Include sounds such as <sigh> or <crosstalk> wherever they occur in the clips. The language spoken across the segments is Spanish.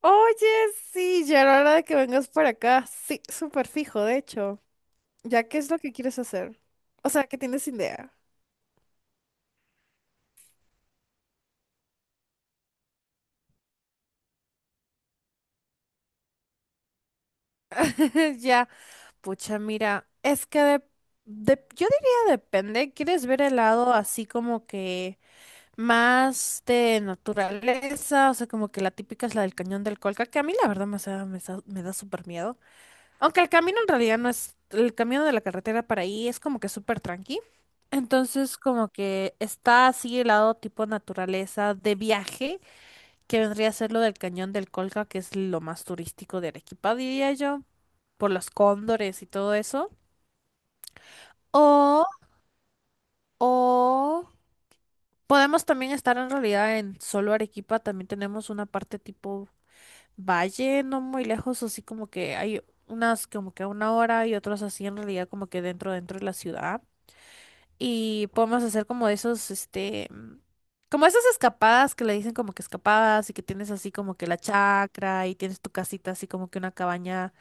Oye, sí, ya era hora de que vengas por acá. Sí, súper fijo, de hecho. ¿Ya qué es lo que quieres hacer? O sea, ¿qué tienes idea? <laughs> Ya, pucha, mira, es que yo diría depende. ¿Quieres ver el lado así como que más de naturaleza? O sea, como que la típica es la del cañón del Colca, que a mí la verdad me da súper miedo. Aunque el camino en realidad no es, el camino de la carretera para ahí es como que súper tranqui. Entonces como que está así el lado tipo naturaleza de viaje, que vendría a ser lo del Cañón del Colca, que es lo más turístico de Arequipa, diría yo, por los cóndores y todo eso. O, o podemos también estar en realidad en solo Arequipa, también tenemos una parte tipo valle, no muy lejos, así como que hay unas como que a una hora y otros así en realidad como que dentro de la ciudad. Y podemos hacer como esos, como esas escapadas que le dicen como que escapadas y que tienes así como que la chacra y tienes tu casita así como que una cabaña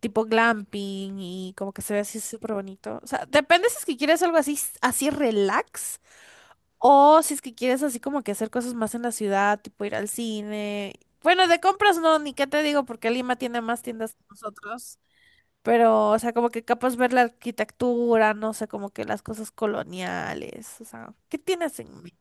tipo glamping y como que se ve así súper bonito. O sea, depende si es que quieres algo así, así relax o si es que quieres así como que hacer cosas más en la ciudad, tipo ir al cine. Bueno, de compras no, ni qué te digo, porque Lima tiene más tiendas que nosotros. Pero, o sea, como que capaz ver la arquitectura, no sé, como que las cosas coloniales, o sea, ¿qué tienes en mente?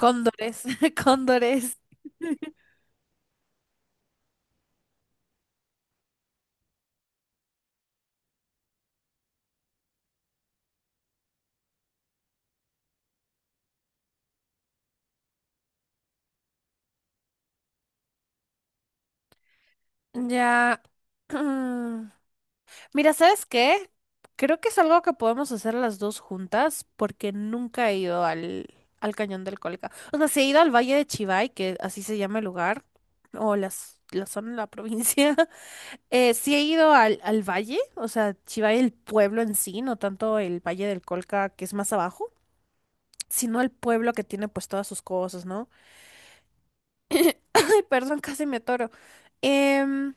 Cóndores, <laughs> cóndores. Ya. <clears throat> mm, Mira, ¿sabes qué? Creo que es algo que podemos hacer las dos juntas porque nunca he ido al Cañón del Colca. O sea, sí he ido al Valle de Chivay, que así se llama el lugar, o la zona, la <laughs> provincia. Sí he ido al valle, o sea, Chivay el pueblo en sí, no tanto el Valle del Colca que es más abajo, sino el pueblo que tiene pues todas sus cosas, ¿no? Ay, perdón, <laughs> casi me atoro. Em,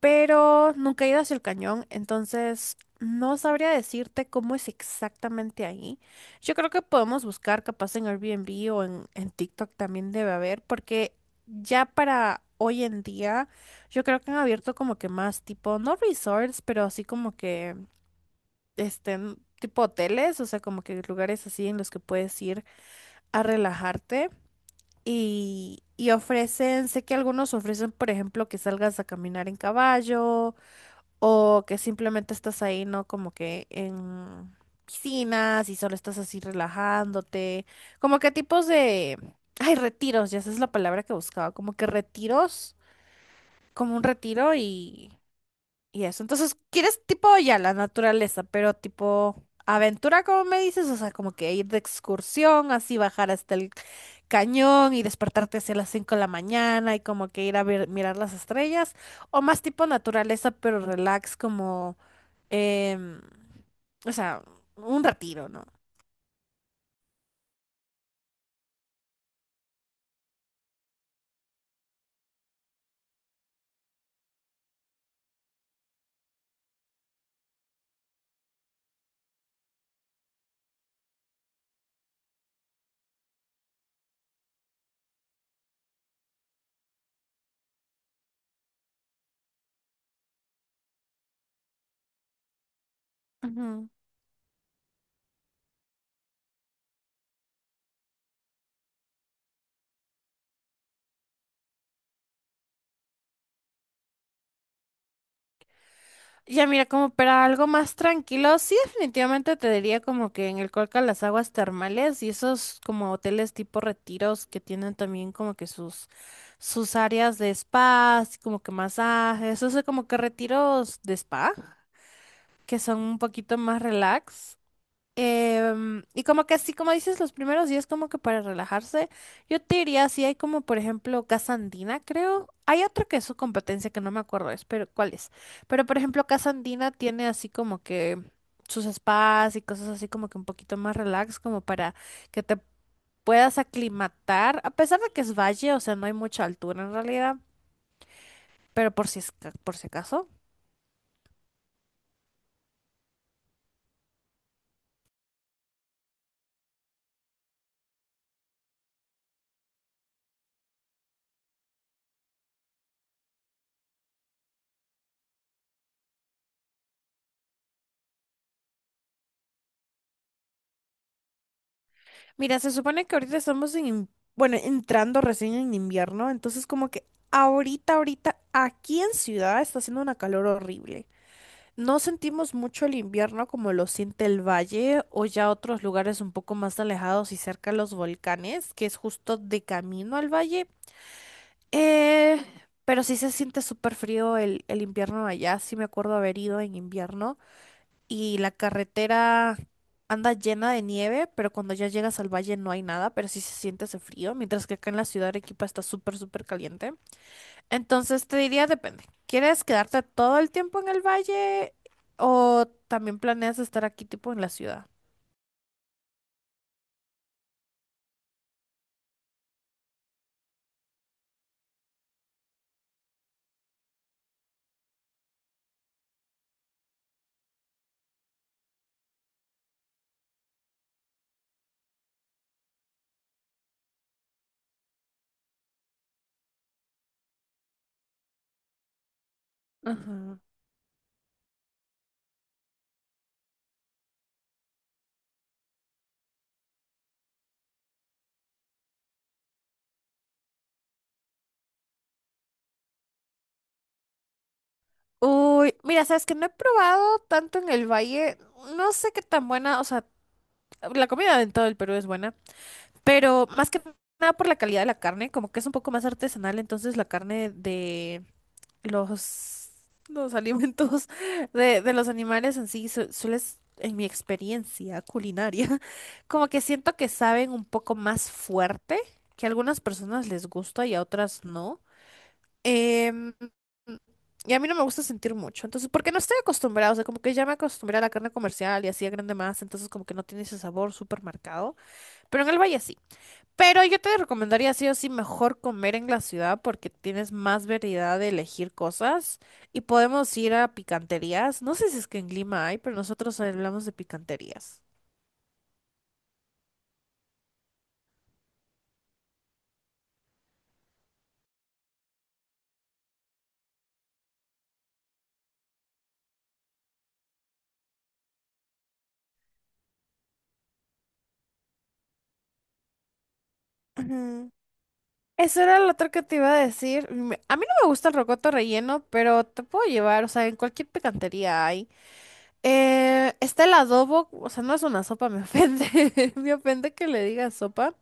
pero nunca he ido hacia el cañón, entonces no sabría decirte cómo es exactamente ahí. Yo creo que podemos buscar capaz en Airbnb o en TikTok también debe haber, porque ya para hoy en día yo creo que han abierto como que más tipo, no resorts, pero así como que tipo hoteles, o sea, como que lugares así en los que puedes ir a relajarte y ofrecen, sé que algunos ofrecen, por ejemplo, que salgas a caminar en caballo o que simplemente estás ahí, ¿no? Como que en piscinas y solo estás así relajándote, como que tipos de, ay, retiros, ya esa es la palabra que buscaba, como que retiros, como un retiro y eso. Entonces, quieres tipo ya la naturaleza, pero tipo aventura, como me dices, o sea, como que ir de excursión, así bajar hasta el cañón y despertarte hacia las 5 de la mañana y como que ir a ver, mirar las estrellas, o más tipo naturaleza, pero relax, como, em, o sea, un retiro, ¿no? Ujú. Ya mira, como para algo más tranquilo, sí definitivamente te diría como que en el Colca las aguas termales y esos como hoteles tipo retiros que tienen también como que sus áreas de spa, así como que masajes, o sea, como que retiros de spa, que son un poquito más relax. Y como que así, como dices, los primeros días como que para relajarse, yo te diría, si hay como por ejemplo Casa Andina, creo, hay otro que es su competencia que no me acuerdo es, pero cuál es, pero por ejemplo Casa Andina tiene así como que sus spas y cosas así como que un poquito más relax, como para que te puedas aclimatar, a pesar de que es valle, o sea, no hay mucha altura en realidad, pero por si, por si acaso. Mira, se supone que ahorita estamos bueno, entrando recién en invierno, entonces como que ahorita, ahorita, aquí en ciudad está haciendo una calor horrible. No sentimos mucho el invierno como lo siente el valle o ya otros lugares un poco más alejados y cerca a los volcanes, que es justo de camino al valle. Eh, pero sí se siente súper frío el invierno allá, sí me acuerdo haber ido en invierno y la carretera anda llena de nieve, pero cuando ya llegas al valle no hay nada, pero sí se siente ese frío, mientras que acá en la ciudad de Arequipa está súper, súper caliente. Entonces te diría, depende. ¿Quieres quedarte todo el tiempo en el valle o también planeas estar aquí tipo en la ciudad? Ajá. Uy, mira, sabes que no he probado tanto en el valle, no sé qué tan buena, o sea, la comida en todo el Perú es buena, pero más que nada por la calidad de la carne, como que es un poco más artesanal, entonces la carne de los, los alimentos <laughs> de los animales en sí sueles, en mi experiencia culinaria, <laughs> como que siento que saben un poco más fuerte, que a algunas personas les gusta y a otras no. Em, y a mí no me gusta sentir mucho, entonces, porque no estoy acostumbrada, o sea, como que ya me acostumbré a la carne comercial y así a grande más, entonces como que no tiene ese sabor súper marcado, pero en el valle sí. Pero yo te recomendaría sí o sí mejor comer en la ciudad porque tienes más variedad de elegir cosas y podemos ir a picanterías. No sé si es que en Lima hay, pero nosotros hablamos de picanterías. Ujú. Eso era lo otro que te iba a decir. A mí no me gusta el rocoto relleno, pero te puedo llevar, o sea, en cualquier picantería hay. Está el adobo, o sea, no es una sopa, me ofende. <laughs> Me ofende que le diga sopa.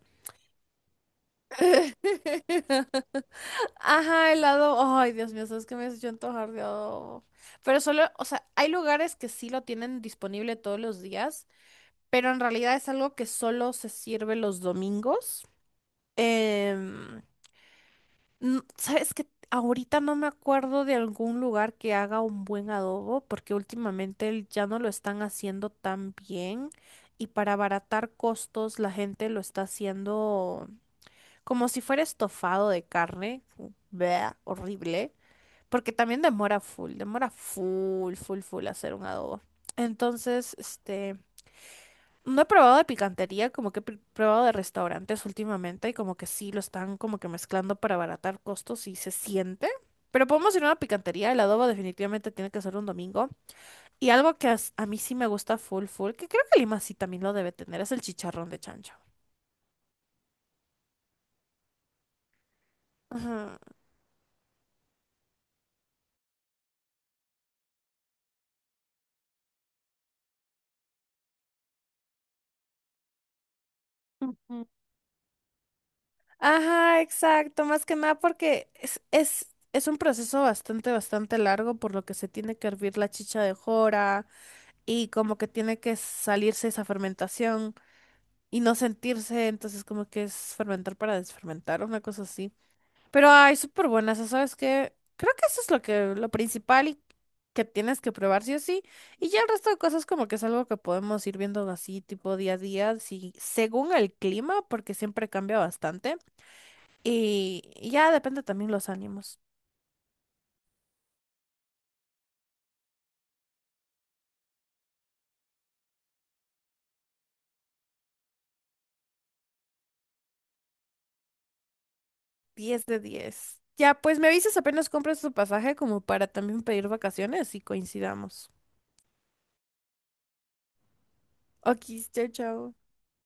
<laughs> Ajá, el adobo. Ay, Dios mío, sabes que me has hecho antojar de adobo. Pero solo, o sea, hay lugares que sí lo tienen disponible todos los días, pero en realidad es algo que solo se sirve los domingos. Em, ¿Sabes qué? Ahorita no me acuerdo de algún lugar que haga un buen adobo, porque últimamente ya no lo están haciendo tan bien y para abaratar costos la gente lo está haciendo como si fuera estofado de carne. Bleh, horrible, porque también demora full, full, full hacer un adobo. Entonces, no he probado de picantería, como que he probado de restaurantes últimamente y como que sí lo están como que mezclando para abaratar costos y se siente. Pero podemos ir a una picantería, el adobo definitivamente tiene que ser un domingo. Y algo que a mí sí me gusta full full, que creo que Lima sí también lo debe tener, es el chicharrón de chancho. Ajá. Ujú. Ajá, exacto, más que nada porque es un proceso bastante, bastante largo por lo que se tiene que hervir la chicha de jora y como que tiene que salirse esa fermentación. Y no sentirse, entonces como que es fermentar para desfermentar, una cosa así. Pero hay súper buenas, ¿sabes qué? Creo que eso es lo principal y que tienes que probar sí o sí. Y ya el resto de cosas como que es algo que podemos ir viendo así, tipo día a día, si, según el clima, porque siempre cambia bastante. Y ya depende también los ánimos. 10 de 10. Ya, pues me avisas apenas compras tu pasaje como para también pedir vacaciones y coincidamos. Ok, chao, chao.